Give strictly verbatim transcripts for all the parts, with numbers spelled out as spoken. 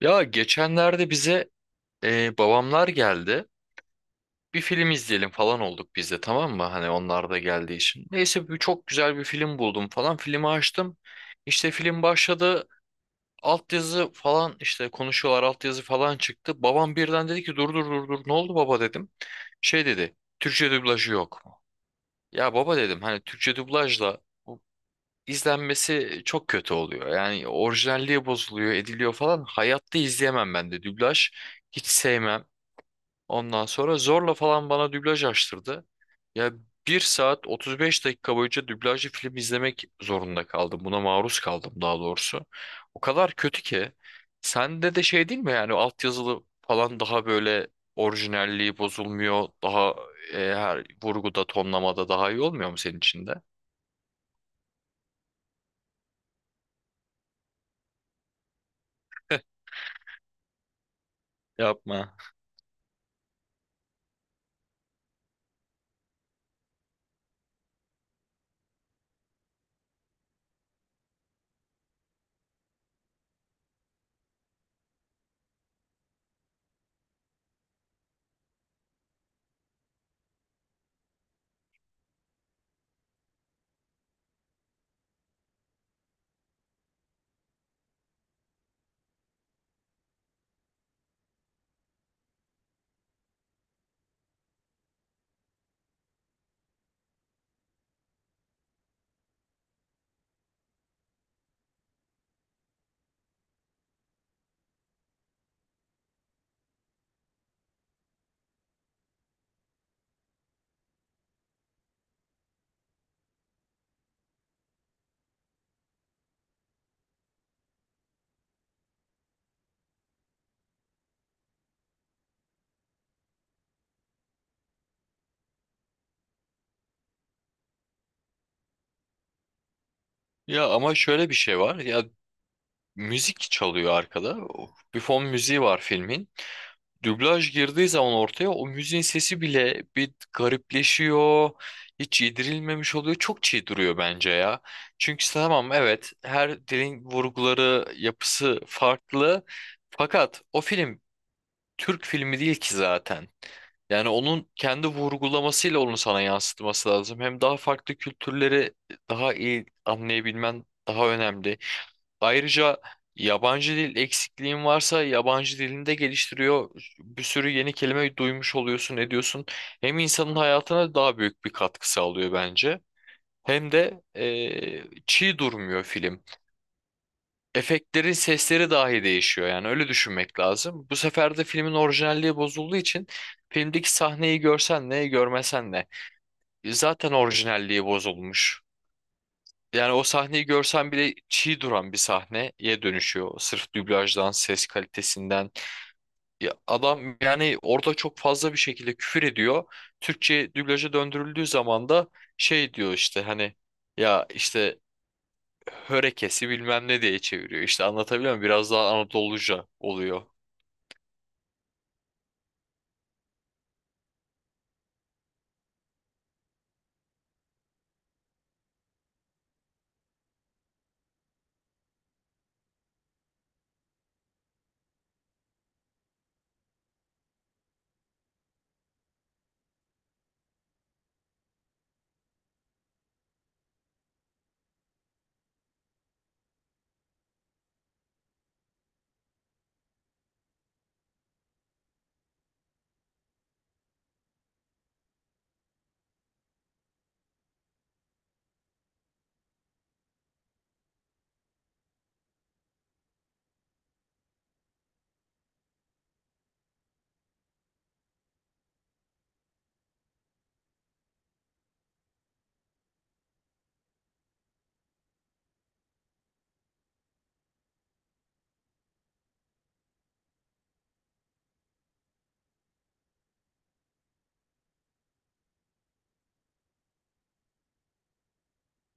Ya geçenlerde bize e, babamlar geldi. Bir film izleyelim falan olduk biz de, tamam mı? Hani onlar da geldiği için. Neyse bir, çok güzel bir film buldum falan. Filmi açtım. İşte film başladı. Altyazı falan, işte konuşuyorlar, altyazı falan çıktı. Babam birden dedi ki, "Dur dur dur dur." "Ne oldu baba?" dedim. Şey dedi, "Türkçe dublajı yok mu?" "Ya baba," dedim, "hani Türkçe dublajla izlenmesi çok kötü oluyor. Yani orijinalliği bozuluyor, ediliyor falan. Hayatta izleyemem ben de dublaj. Hiç sevmem." Ondan sonra zorla falan bana dublaj açtırdı. Ya, bir saat 35 dakika boyunca dublajlı film izlemek zorunda kaldım. Buna maruz kaldım daha doğrusu. O kadar kötü ki. Sende de şey değil mi yani? Altyazılı falan daha böyle, orijinalliği bozulmuyor. Daha e, her vurguda, tonlamada daha iyi olmuyor mu senin için de? Yapma. Ya ama şöyle bir şey var. Ya, müzik çalıyor arkada. O- Bir fon müziği var filmin. Dublaj girdiği zaman ortaya, o müziğin sesi bile bir garipleşiyor. Hiç yedirilmemiş oluyor. Çok çiğ duruyor bence ya. Çünkü işte, tamam, evet, her dilin vurguları, yapısı farklı. Fakat o film Türk filmi değil ki zaten. Yani onun kendi vurgulamasıyla onu sana yansıtması lazım. Hem daha farklı kültürleri daha iyi anlayabilmen daha önemli. Ayrıca yabancı dil eksikliğin varsa, yabancı dilini de geliştiriyor. Bir sürü yeni kelime duymuş oluyorsun, ediyorsun. Hem insanın hayatına daha büyük bir katkı sağlıyor bence. Hem de eee, çiğ durmuyor film. Efektlerin sesleri dahi değişiyor, yani öyle düşünmek lazım. Bu sefer de filmin orijinalliği bozulduğu için, filmdeki sahneyi görsen ne, görmesen ne, zaten orijinalliği bozulmuş. Yani o sahneyi görsen bile çiğ duran bir sahneye dönüşüyor. Sırf dublajdan, ses kalitesinden. Ya adam yani orada çok fazla bir şekilde küfür ediyor. Türkçe dublaja döndürüldüğü zaman da şey diyor işte, hani ya işte, hörekesi bilmem ne diye çeviriyor. İşte, anlatabiliyor muyum? Biraz daha Anadoluca oluyor.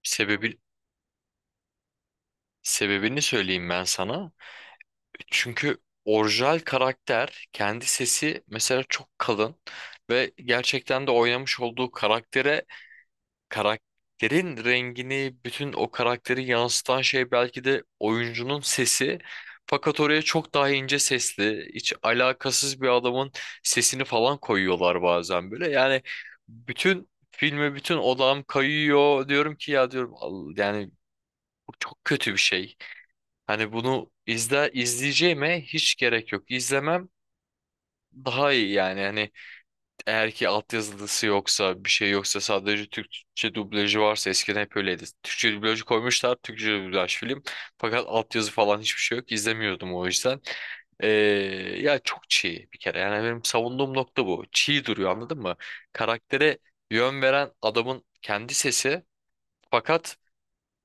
Sebebi, sebebini söyleyeyim ben sana. Çünkü orijinal karakter, kendi sesi mesela çok kalın ve gerçekten de oynamış olduğu karaktere, karakterin rengini, bütün o karakteri yansıtan şey belki de oyuncunun sesi. Fakat oraya çok daha ince sesli, hiç alakasız bir adamın sesini falan koyuyorlar bazen böyle. Yani bütün filme, bütün odağım kayıyor, diyorum ki, ya diyorum, "Al- yani bu çok kötü bir şey. Hani bunu izle izleyeceğime hiç gerek yok. İzlemem daha iyi yani." Hani eğer ki altyazılısı yoksa, bir şey yoksa, sadece Türkçe dublajı varsa, eskiden hep öyleydi. Türkçe dublajı koymuşlar, Türkçe dublaj film. Fakat altyazı falan hiçbir şey yok. İzlemiyordum o yüzden. Ee, ya çok çiğ bir kere. Yani benim savunduğum nokta bu. Çiğ duruyor, anladın mı? Karaktere yön veren adamın kendi sesi. Fakat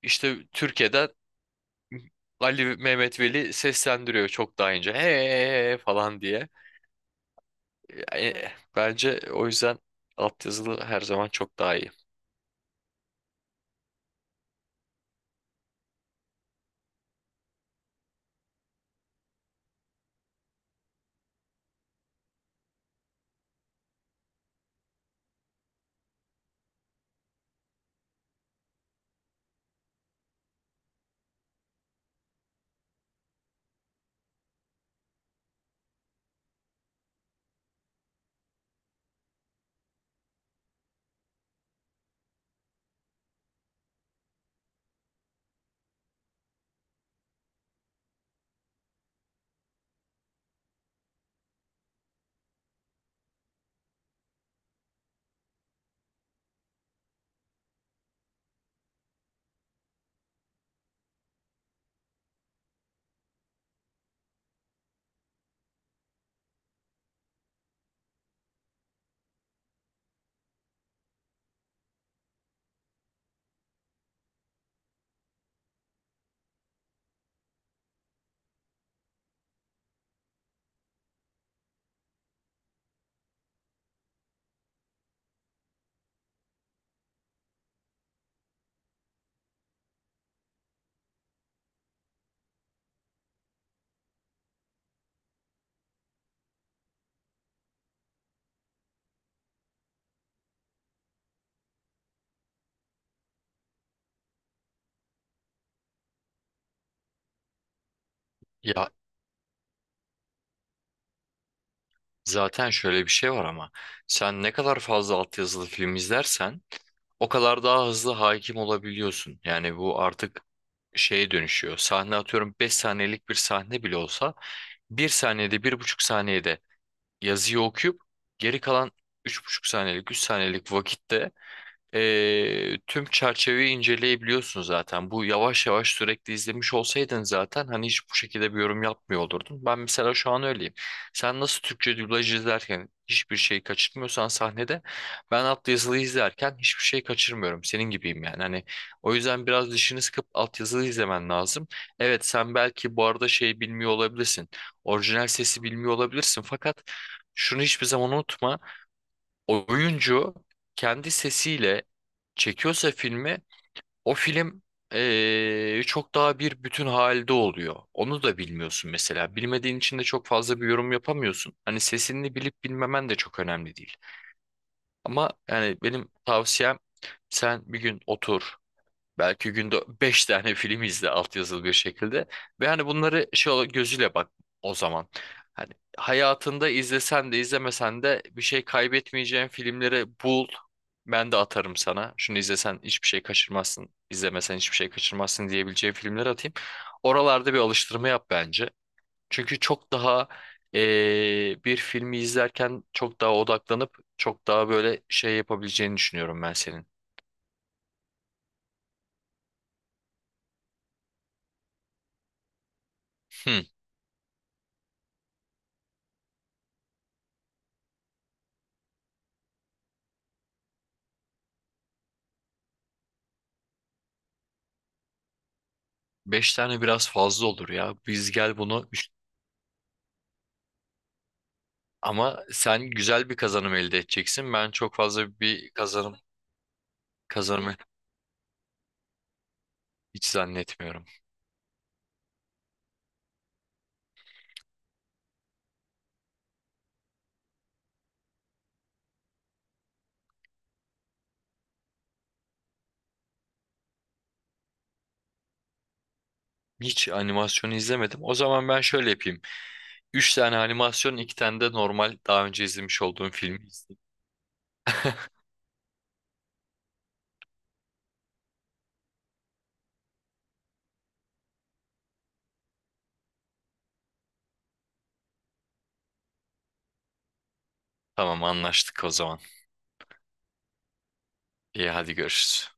işte Türkiye'den Ali Mehmet Veli seslendiriyor çok daha ince, "Hey" falan diye. E, bence o yüzden altyazılı her zaman çok daha iyi. Ya zaten şöyle bir şey var, ama sen ne kadar fazla altyazılı film izlersen o kadar daha hızlı hakim olabiliyorsun. Yani bu artık şeye dönüşüyor. Sahne, atıyorum, beş saniyelik bir sahne bile olsa, bir saniyede, bir buçuk saniyede yazıyı okuyup, geri kalan üç buçuk saniyelik, üç saniyelik vakitte e, tüm çerçeveyi inceleyebiliyorsun zaten. Bu, yavaş yavaş sürekli izlemiş olsaydın zaten, hani hiç bu şekilde bir yorum yapmıyor olurdun. Ben mesela şu an öyleyim. Sen nasıl Türkçe dublaj izlerken hiçbir şey kaçırmıyorsan sahnede, ben altyazılı izlerken hiçbir şey kaçırmıyorum. Senin gibiyim yani. Hani o yüzden biraz dişini sıkıp altyazılı izlemen lazım. Evet, sen belki bu arada şey bilmiyor olabilirsin. Orijinal sesi bilmiyor olabilirsin, fakat şunu hiçbir zaman unutma: oyuncu kendi sesiyle çekiyorsa filmi, o film eee, çok daha bir bütün halde oluyor. Onu da bilmiyorsun mesela. Bilmediğin için de çok fazla bir yorum yapamıyorsun. Hani sesini bilip bilmemen de çok önemli değil. Ama yani benim tavsiyem, sen bir gün otur. Belki günde beş tane film izle altyazılı bir şekilde. Ve hani bunları şey ol- gözüyle bak o zaman. Hani hayatında izlesen de izlemesen de bir şey kaybetmeyeceğin filmleri bul. Ben de atarım sana. Şunu izlesen hiçbir şey kaçırmazsın, izlemesen hiçbir şey kaçırmazsın diyebileceğim filmler atayım. Oralarda bir alıştırma yap bence. Çünkü çok daha eee, bir filmi izlerken çok daha odaklanıp çok daha böyle şey yapabileceğini düşünüyorum ben senin. Beş tane biraz fazla olur ya. Biz gel bunu üç- Ama sen güzel bir kazanım elde edeceksin. Ben çok fazla bir kazanım kazanımı hiç zannetmiyorum. Hiç animasyonu izlemedim. O zaman ben şöyle yapayım: üç tane animasyon, iki tane de normal, daha önce izlemiş olduğum filmi izleyeyim. Tamam, anlaştık o zaman. İyi, hadi görüşürüz.